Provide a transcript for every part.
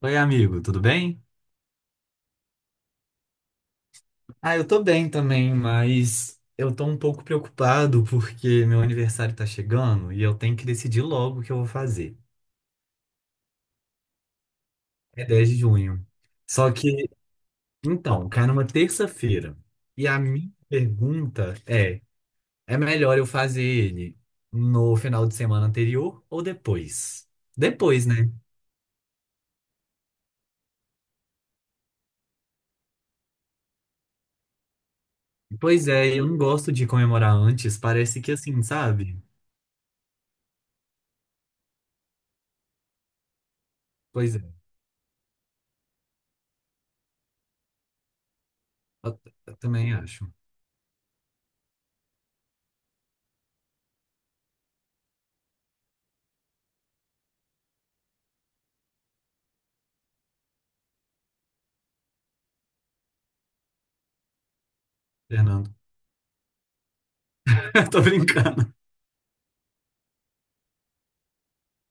Oi, amigo, tudo bem? Ah, eu tô bem também, mas eu tô um pouco preocupado porque meu aniversário tá chegando e eu tenho que decidir logo o que eu vou fazer. É 10 de junho. Só que, então, cai numa terça-feira. E a minha pergunta é: é melhor eu fazer ele no final de semana anterior ou depois? Depois, né? Pois é, eu não gosto de comemorar antes, parece que assim, sabe? Pois é, eu, eu também acho, Fernando. Tô brincando.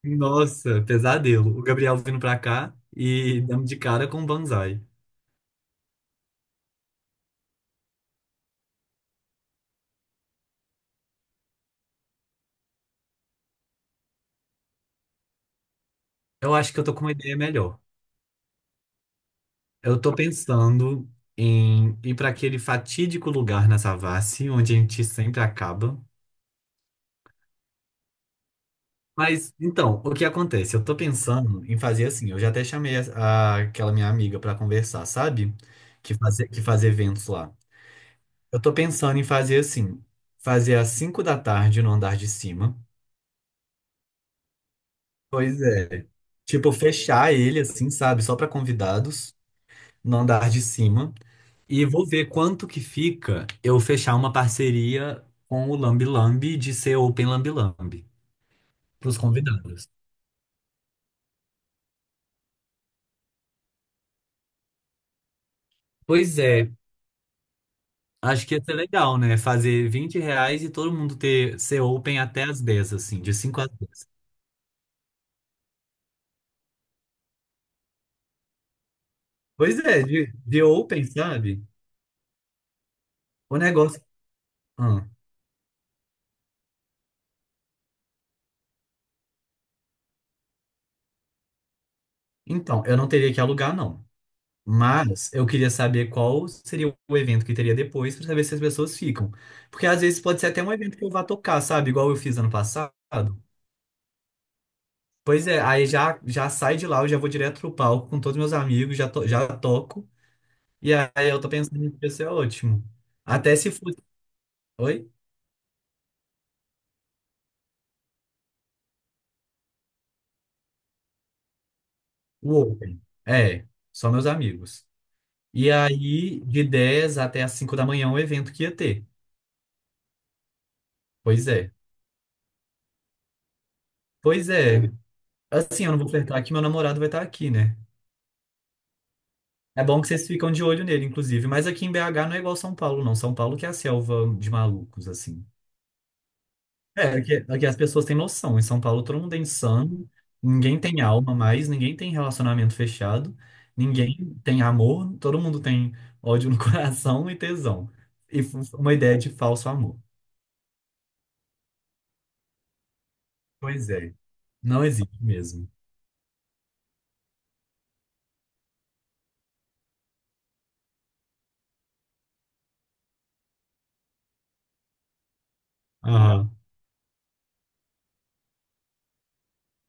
Nossa, pesadelo. O Gabriel vindo pra cá e dando de cara com o Banzai. Eu acho que eu tô com uma ideia melhor. Eu tô pensando em ir pra aquele fatídico lugar na Savassi, onde a gente sempre acaba. Mas, então, o que acontece? Eu tô pensando em fazer assim. Eu já até chamei aquela minha amiga pra conversar, sabe? Que fazer, que faz eventos lá. Eu tô pensando em fazer assim. Fazer às 5 da tarde no andar de cima. Pois é. Tipo, fechar ele assim, sabe? Só para convidados, no andar de cima. E vou ver quanto que fica eu fechar uma parceria com o Lambi Lambi de ser Open Lambi Lambi pros convidados. Pois é. Acho que ia ser legal, né? Fazer R$ 20 e todo mundo ter ser Open até as 10, assim, de 5 às 10. Pois é, de Open, sabe? O negócio. Ah, então, eu não teria que alugar, não. Mas eu queria saber qual seria o evento que teria depois para saber se as pessoas ficam. Porque às vezes pode ser até um evento que eu vá tocar, sabe? Igual eu fiz ano passado. Pois é, aí já sai de lá, eu já vou direto pro palco com todos meus amigos, já, já toco. E aí eu tô pensando que isso é ótimo. Até se fosse. Oi? O Open. É, só meus amigos. E aí, de 10 até as 5 da manhã, é um evento que ia ter. Pois é. Pois é. Assim, eu não vou flertar que meu namorado vai estar aqui, né? É bom que vocês ficam de olho nele, inclusive. Mas aqui em BH não é igual São Paulo, não. São Paulo que é a selva de malucos, assim. É, aqui as pessoas têm noção. Em São Paulo todo mundo é insano, ninguém tem alma mais, ninguém tem relacionamento fechado, ninguém tem amor, todo mundo tem ódio no coração e tesão. E uma ideia de falso amor. Pois é, não existe mesmo. Aham.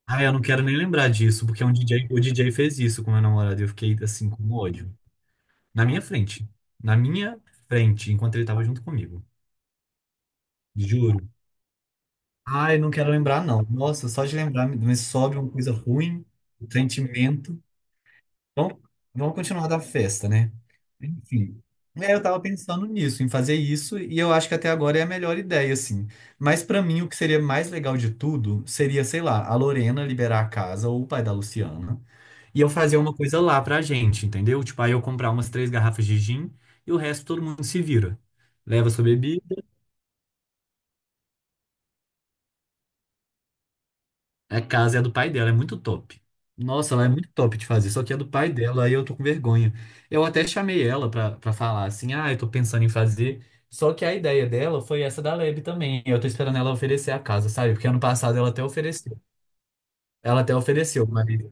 Ah, eu não quero nem lembrar disso, porque um DJ, o DJ fez isso com meu namorado e eu fiquei assim com ódio. Na minha frente. Na minha frente, enquanto ele tava junto comigo. Juro. Ai, não quero lembrar, não. Nossa, só de lembrar, me sobe uma coisa ruim, um sentimento. Vamos, vamos continuar da festa, né? Enfim. É, eu tava pensando nisso, em fazer isso, e eu acho que até agora é a melhor ideia, assim. Mas pra mim, o que seria mais legal de tudo seria, sei lá, a Lorena liberar a casa ou o pai da Luciana, e eu fazer uma coisa lá pra gente, entendeu? Tipo, aí eu comprar umas três garrafas de gin e o resto todo mundo se vira. Leva sua bebida. A casa é a do pai dela, é muito top. Nossa, ela é muito top de fazer, só que é do pai dela, aí eu tô com vergonha. Eu até chamei ela pra falar assim, ah, eu tô pensando em fazer. Só que a ideia dela foi essa da Leb também. Eu tô esperando ela oferecer a casa, sabe? Porque ano passado ela até ofereceu. Ela até ofereceu, Marília.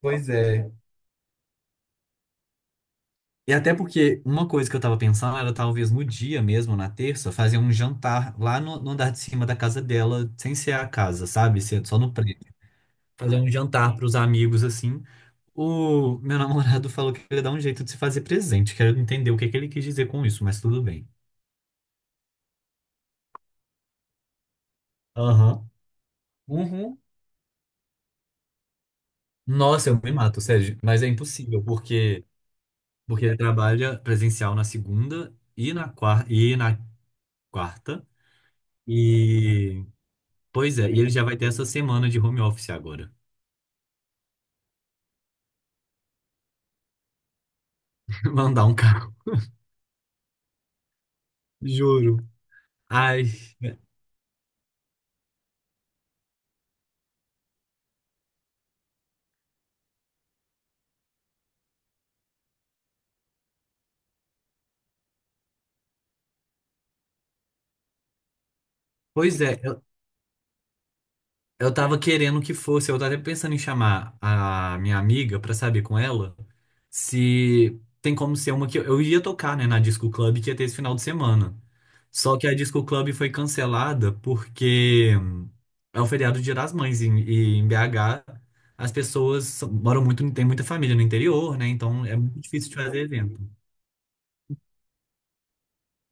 Pois é. E até porque uma coisa que eu tava pensando era talvez no dia mesmo, na terça, fazer um jantar lá no andar de cima da casa dela, sem ser a casa, sabe? Ser só no prédio. Fazer um jantar pros amigos, assim. O meu namorado falou que ele dá um jeito de se fazer presente. Quero entender o que que ele quis dizer com isso, mas tudo bem. Aham. Uhum. Nossa, eu me mato, Sérgio. Mas é impossível, porque, porque ele trabalha presencial na segunda e na quarta, e na quarta. E, pois é, e ele já vai ter essa semana de home office agora. Mandar um carro. Juro. Ai, pois é. Eu tava querendo que fosse, eu tava até pensando em chamar a minha amiga pra saber com ela se, tem como ser uma que eu ia tocar, né, na Disco Club que ia ter esse final de semana. Só que a Disco Club foi cancelada porque é o feriado do Dia das Mães e em BH as pessoas moram muito, tem muita família no interior, né? Então é muito difícil de fazer evento.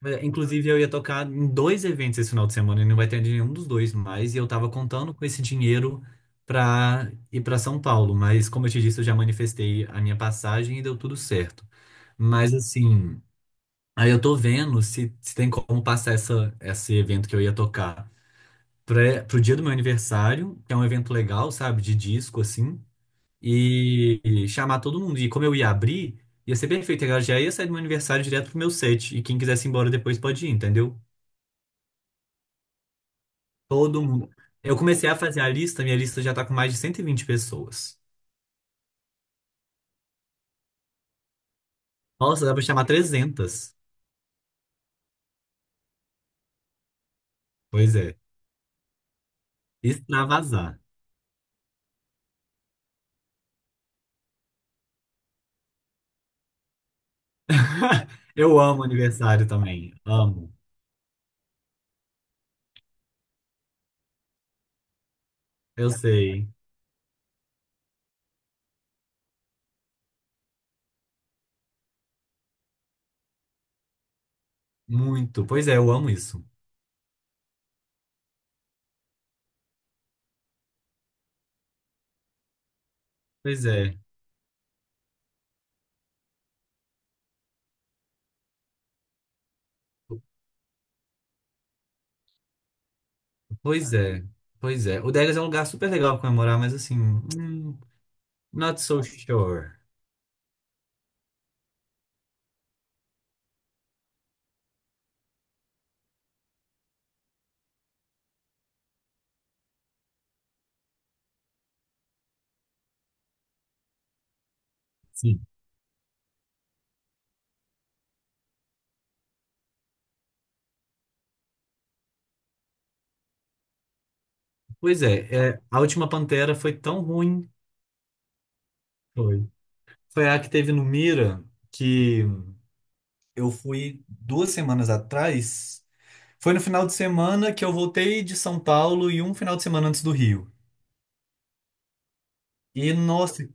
É, inclusive, eu ia tocar em dois eventos esse final de semana e não vai ter nenhum dos dois mais. E eu tava contando com esse dinheiro pra ir pra São Paulo. Mas, como eu te disse, eu já manifestei a minha passagem e deu tudo certo. Mas, assim, aí eu tô vendo se, se tem como passar esse evento que eu ia tocar pra, pro dia do meu aniversário, que é um evento legal, sabe, de disco, assim, e chamar todo mundo. E como eu ia abrir, ia ser perfeito. Eu já ia sair do meu aniversário direto pro meu set. E quem quisesse ir embora depois pode ir, entendeu? Todo mundo. Eu comecei a fazer a lista, minha lista já tá com mais de 120 pessoas. Nossa, dá pra chamar 300. Pois é, extravasar. Eu amo aniversário também, amo. Eu sei, muito. Pois é, eu amo isso. Pois é, pois é, pois é. O Degas é um lugar super legal pra comemorar, mas assim, not so sure. Sim. Pois é, é, a última Pantera foi tão ruim. Foi. Foi a que teve no Mira, que eu fui 2 semanas atrás. Foi no final de semana que eu voltei de São Paulo e um final de semana antes do Rio. E nossa,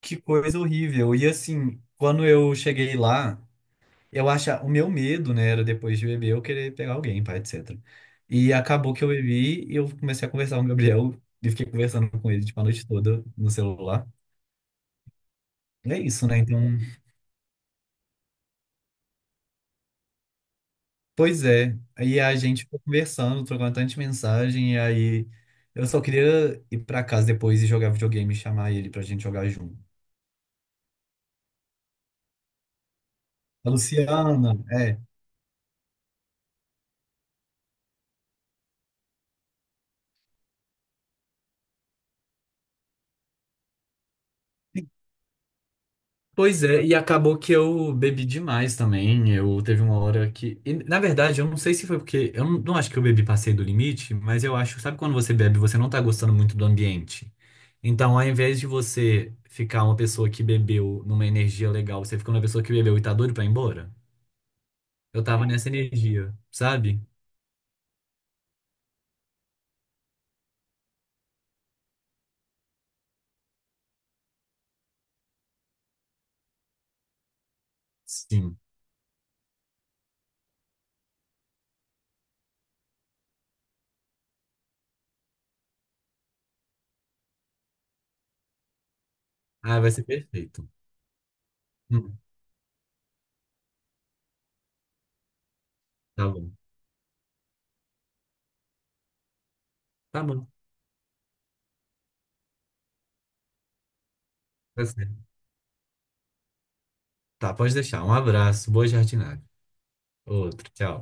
que coisa horrível. E assim, quando eu cheguei lá, eu acha o meu medo, né, era depois de beber eu querer pegar alguém, pá, etc. E acabou que eu bebi e eu comecei a conversar com o Gabriel e fiquei conversando com ele tipo, a noite toda no celular. É isso, né? Então, pois é. Aí a gente ficou conversando, trocando tanta mensagem, e aí eu só queria ir pra casa depois e jogar videogame, e chamar ele pra gente jogar junto. A Luciana, é. Pois é, e acabou que eu bebi demais também. Eu teve uma hora que. E, na verdade, eu não sei se foi porque. Eu não, não acho que eu bebi passei do limite, mas eu acho, sabe quando você bebe, e você não tá gostando muito do ambiente. Então, ao invés de você ficar uma pessoa que bebeu numa energia legal, você fica uma pessoa que bebeu e tá doido pra ir embora. Eu tava nessa energia, sabe? Sim. Ah, vai ser perfeito. Hum, tá bom. Tá bom. Tá certo. Tá, pode deixar. Um abraço, boa jardinagem. Outro, tchau.